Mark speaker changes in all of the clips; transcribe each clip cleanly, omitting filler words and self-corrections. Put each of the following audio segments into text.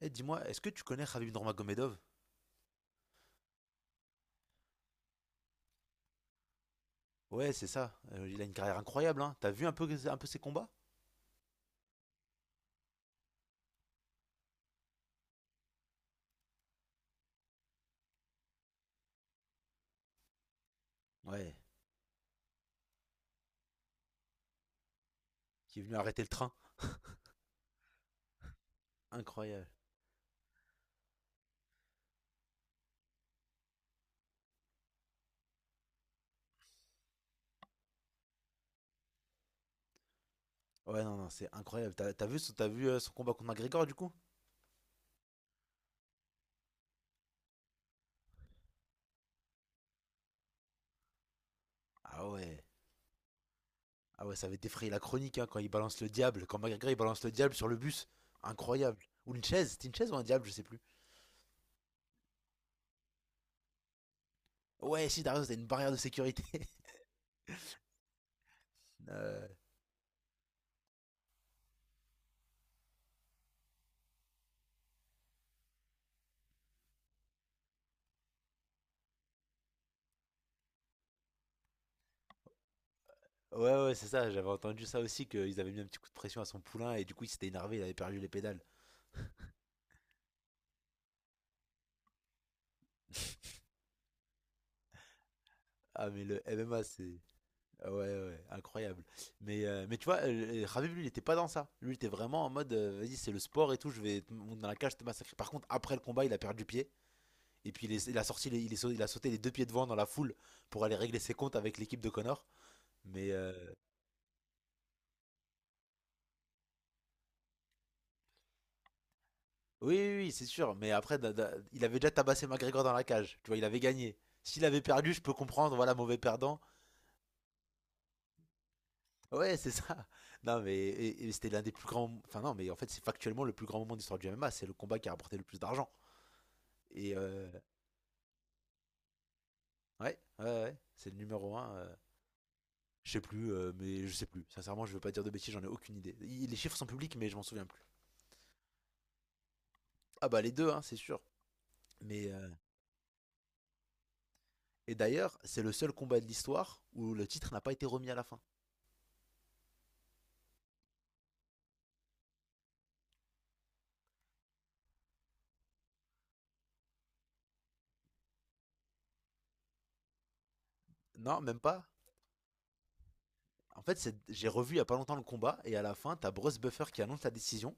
Speaker 1: Eh, dis-moi, est-ce que tu connais Khabib Nurmagomedov? Ouais, c'est ça. Il a une carrière incroyable, hein. T'as vu un peu ses combats? Ouais, qui est venu arrêter le train. Incroyable. Ouais, non, non, c'est incroyable. T'as vu, t'as vu son combat contre McGregor, du coup? Ah ouais. Ah ouais, ça avait défrayé la chronique, hein, quand il balance le diable. Quand McGregor, il balance le diable sur le bus. Incroyable. Ou une chaise. C'était une chaise ou un diable, je sais plus. Ouais, si, t'as raison, c'était une barrière de sécurité. Euh, Ouais, ouais, c'est ça. J'avais entendu ça aussi, qu'ils avaient mis un petit coup de pression à son poulain et du coup, il s'était énervé, il avait perdu les pédales. Ah mais le MMA c'est ah ouais, ouais, incroyable. Mais tu vois Khabib lui il était pas dans ça. Lui il était vraiment en mode vas-y c'est le sport et tout, je vais te monter dans la cage, je te massacrer. Par contre après le combat il a perdu pied et puis il a sorti il, il a sauté les deux pieds devant dans la foule pour aller régler ses comptes avec l'équipe de Connor. Mais euh, oui, oui, oui, c'est sûr. Mais après il avait déjà tabassé McGregor dans la cage. Tu vois, il avait gagné. S'il avait perdu, je peux comprendre, voilà, mauvais perdant. Ouais, c'est ça. Non, mais et c'était l'un des plus grands. Enfin, non, mais en fait, c'est factuellement le plus grand moment de l'histoire du MMA. C'est le combat qui a rapporté le plus d'argent. Et euh, ouais, ouais, ouais, c'est le numéro un. Je sais plus, mais je sais plus. Sincèrement, je veux pas dire de bêtises, j'en ai aucune idée. Les chiffres sont publics, mais je m'en souviens plus. Ah bah les deux, hein, c'est sûr. Mais euh, et d'ailleurs, c'est le seul combat de l'histoire où le titre n'a pas été remis à la fin. Non, même pas. En fait, j'ai revu il y a pas longtemps le combat et à la fin, t'as Bruce Buffer qui annonce la décision.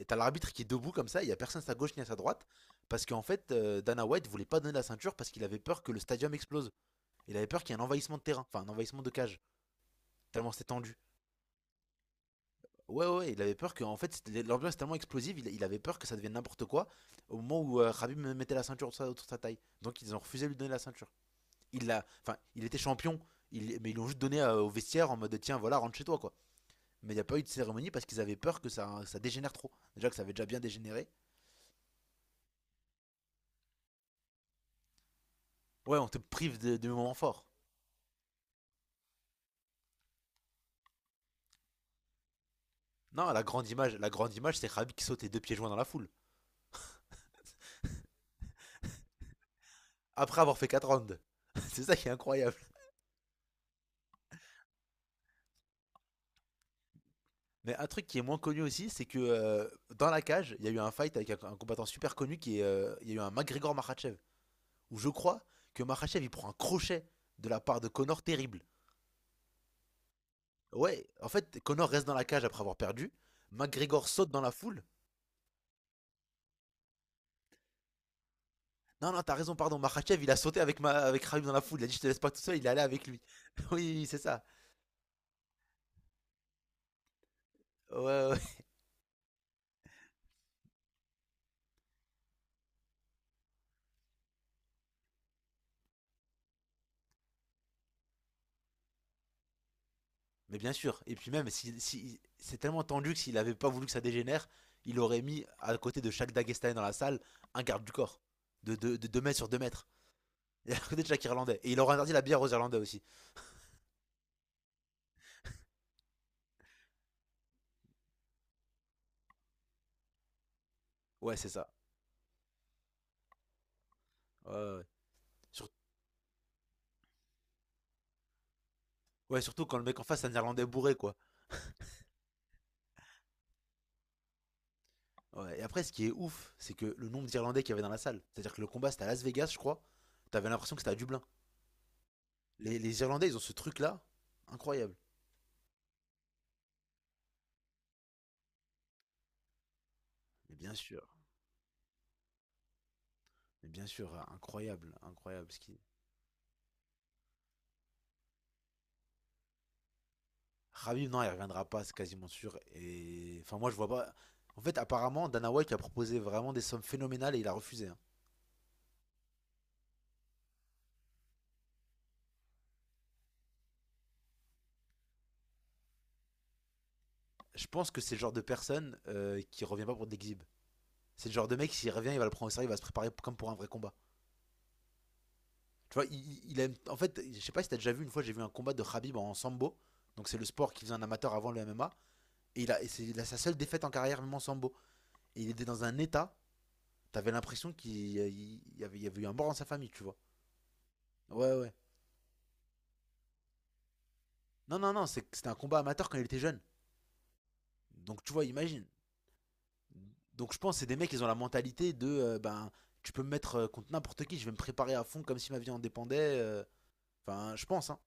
Speaker 1: Et t'as l'arbitre qui est debout comme ça, il y a personne à sa gauche ni à sa droite, parce qu'en fait, Dana White voulait pas donner la ceinture parce qu'il avait peur que le stadium explose. Il avait peur qu'il y ait un envahissement de terrain, enfin un envahissement de cage, tellement c'était tendu. Ouais, ouais, ouais, il avait peur que, en fait, l'ambiance est tellement explosive, il avait peur que ça devienne n'importe quoi au moment où Khabib mettait la ceinture autour autour de sa taille. Donc ils ont refusé de lui donner la ceinture. Il l'a, enfin, il était champion, mais ils l'ont juste donné au vestiaire en mode tiens, voilà, rentre chez toi quoi. Mais il n'y a pas eu de cérémonie parce qu'ils avaient peur que ça dégénère trop. Déjà que ça avait déjà bien dégénéré. Ouais, on te prive de moments forts. Non, la grande image, c'est Khabib qui saute les deux pieds joints dans la foule. Après avoir fait 4 rounds. C'est ça qui est incroyable. Mais un truc qui est moins connu aussi, c'est que dans la cage, il y a eu un fight avec un combattant super connu qui est. Il y a eu un McGregor Makhachev. Où je crois que Makhachev il prend un crochet de la part de Conor terrible. Ouais, en fait, Conor reste dans la cage après avoir perdu. McGregor saute dans la foule. Non, non, t'as raison, pardon. Makhachev il a sauté avec, ma, avec Khabib dans la foule. Il a dit je te laisse pas tout seul, il est allé avec lui. Oui, oui, c'est ça. Ouais, ouais, mais bien sûr. Et puis même, si, c'est tellement tendu que s'il avait pas voulu que ça dégénère, il aurait mis à côté de chaque Dagestanais dans la salle un garde du corps de 2 mètres sur 2 mètres. Et à côté de chaque Irlandais. Et il aurait interdit la bière aux Irlandais aussi. Ouais, c'est ça. Ouais, ouais, ouais. Sur- ouais, surtout quand le mec en face, c'est un Irlandais bourré, quoi. Ouais. Et après, ce qui est ouf, c'est que le nombre d'Irlandais qu'il y avait dans la salle. C'est-à-dire que le combat, c'était à Las Vegas, je crois. T'avais l'impression que c'était à Dublin. Les Irlandais, ils ont ce truc-là. Incroyable. Mais bien sûr. Mais bien sûr, incroyable. Incroyable. Ce qui... Khabib, non, il reviendra pas, c'est quasiment sûr. Et enfin, moi, je vois pas. En fait, apparemment, Dana White a proposé vraiment des sommes phénoménales et il a refusé, hein. Je pense que c'est le genre de personne qui revient pas pour de l'exhibe. C'est le genre de mec, s'il revient, il va le prendre au sérieux, il va se préparer comme pour un vrai combat. Tu vois, aime. En fait, je sais pas si t'as déjà vu, une fois, j'ai vu un combat de Khabib en sambo. Donc, c'est le sport qu'il faisait en amateur avant le MMA. Et il a, et c'est il a sa seule défaite en carrière, même en sambo. Et il était dans un état, t'avais l'impression qu'il il y avait eu un mort dans sa famille, tu vois. Ouais, ouais. Non, non, non, c'était un combat amateur quand il était jeune. Donc tu vois, imagine. Donc je pense que c'est des mecs, ils ont la mentalité de ben tu peux me mettre contre n'importe qui, je vais me préparer à fond comme si ma vie en dépendait. Enfin, je pense, hein.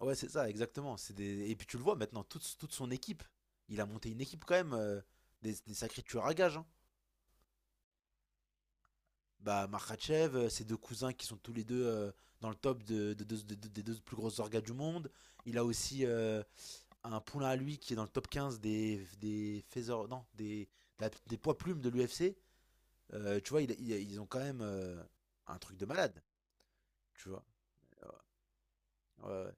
Speaker 1: Ouais, c'est ça, exactement. C'est des... Et puis tu le vois maintenant, toute son équipe. Il a monté une équipe quand même, des sacrés tueurs à gages, hein. Bah, Makhachev, ses deux cousins qui sont tous les deux dans le top des deux plus grosses orgas du monde. Il a aussi un poulain à lui qui est dans le top 15 non, des poids plumes de l'UFC. Tu vois, ils ont quand même un truc de malade, tu vois. Ouais, ouais.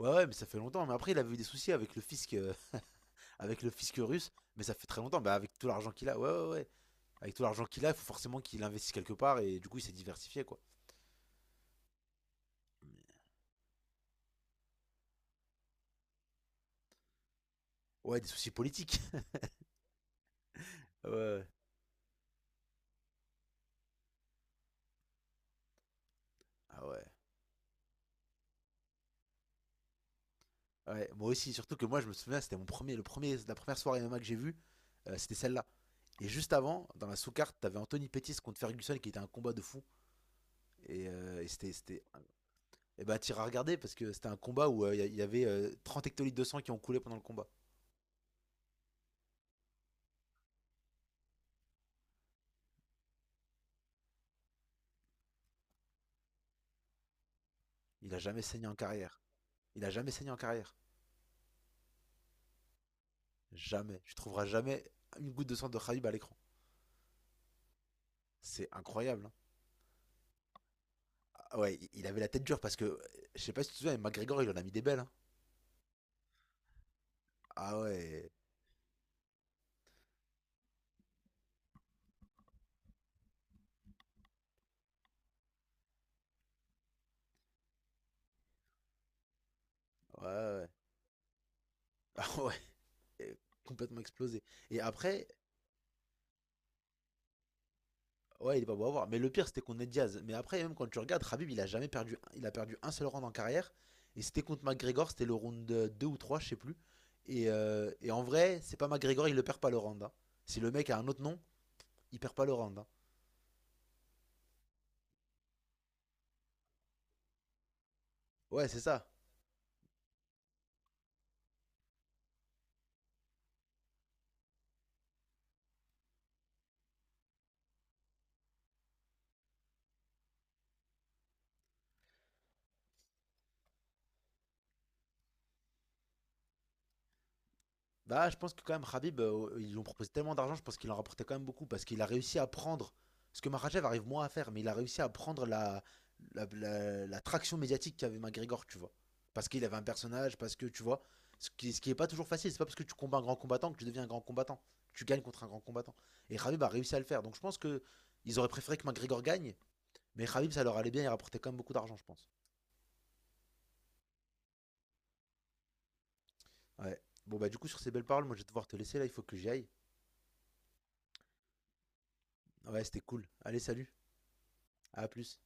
Speaker 1: Ouais, ouais, ouais, mais ça fait longtemps. Mais après, il avait eu des soucis avec le fisc, avec le fisc russe. Mais ça fait très longtemps. Bah, avec tout l'argent qu'il a, ouais, ouais, ouais. Avec tout l'argent qu'il a, il faut forcément qu'il investisse quelque part. Et du coup, il s'est diversifié, quoi. Ouais, des soucis politiques. Ouais, ouais. Ah ouais. Ouais, moi aussi. Surtout que moi, je me souviens, c'était mon premier, le premier, la première soirée MMA que j'ai vue. C'était celle-là. Et juste avant, dans la sous-carte, t'avais Anthony Pettis contre Ferguson qui était un combat de fou. Et c'était, c'était Et bah, t'iras regarder parce que c'était un combat où il y avait 30 hectolitres de sang qui ont coulé pendant le combat. Il a jamais saigné en carrière. Il a jamais saigné en carrière. Jamais. Tu trouveras jamais une goutte de sang de Khabib à l'écran. C'est incroyable, hein. Ah ouais, il avait la tête dure parce que, je sais pas si tu te souviens, mais McGregor, il en a mis des belles, hein. Ah ouais. Ouais, ouais. Ah ouais. Et complètement explosé. Et après, ouais, il est pas beau à voir. Mais le pire, c'était contre Ned Diaz. Mais après, même quand tu regardes, Khabib, il a jamais perdu. Il a perdu un seul round en carrière. Et c'était contre McGregor, c'était le round 2 ou 3, je sais plus. Et en vrai, c'est pas McGregor, il le perd pas le round, hein. Si le mec a un autre nom, il perd pas le round, hein. Ouais, c'est ça. Bah, je pense que quand même, Khabib, oh, ils lui ont proposé tellement d'argent, je pense qu'il en rapportait quand même beaucoup parce qu'il a réussi à prendre ce que Makhachev arrive moins à faire, mais il a réussi à prendre la traction médiatique qu'avait McGregor, tu vois. Parce qu'il avait un personnage, parce que tu vois, ce qui est pas toujours facile, c'est pas parce que tu combats un grand combattant que tu deviens un grand combattant, que tu gagnes contre un grand combattant. Et Khabib a réussi à le faire, donc je pense que ils auraient préféré que McGregor gagne, mais Khabib ça leur allait bien, il rapportait quand même beaucoup d'argent, je pense. Ouais. Bon bah du coup sur ces belles paroles, moi je vais devoir te laisser là, il faut que j'y aille. Ouais, c'était cool. Allez, salut, à plus.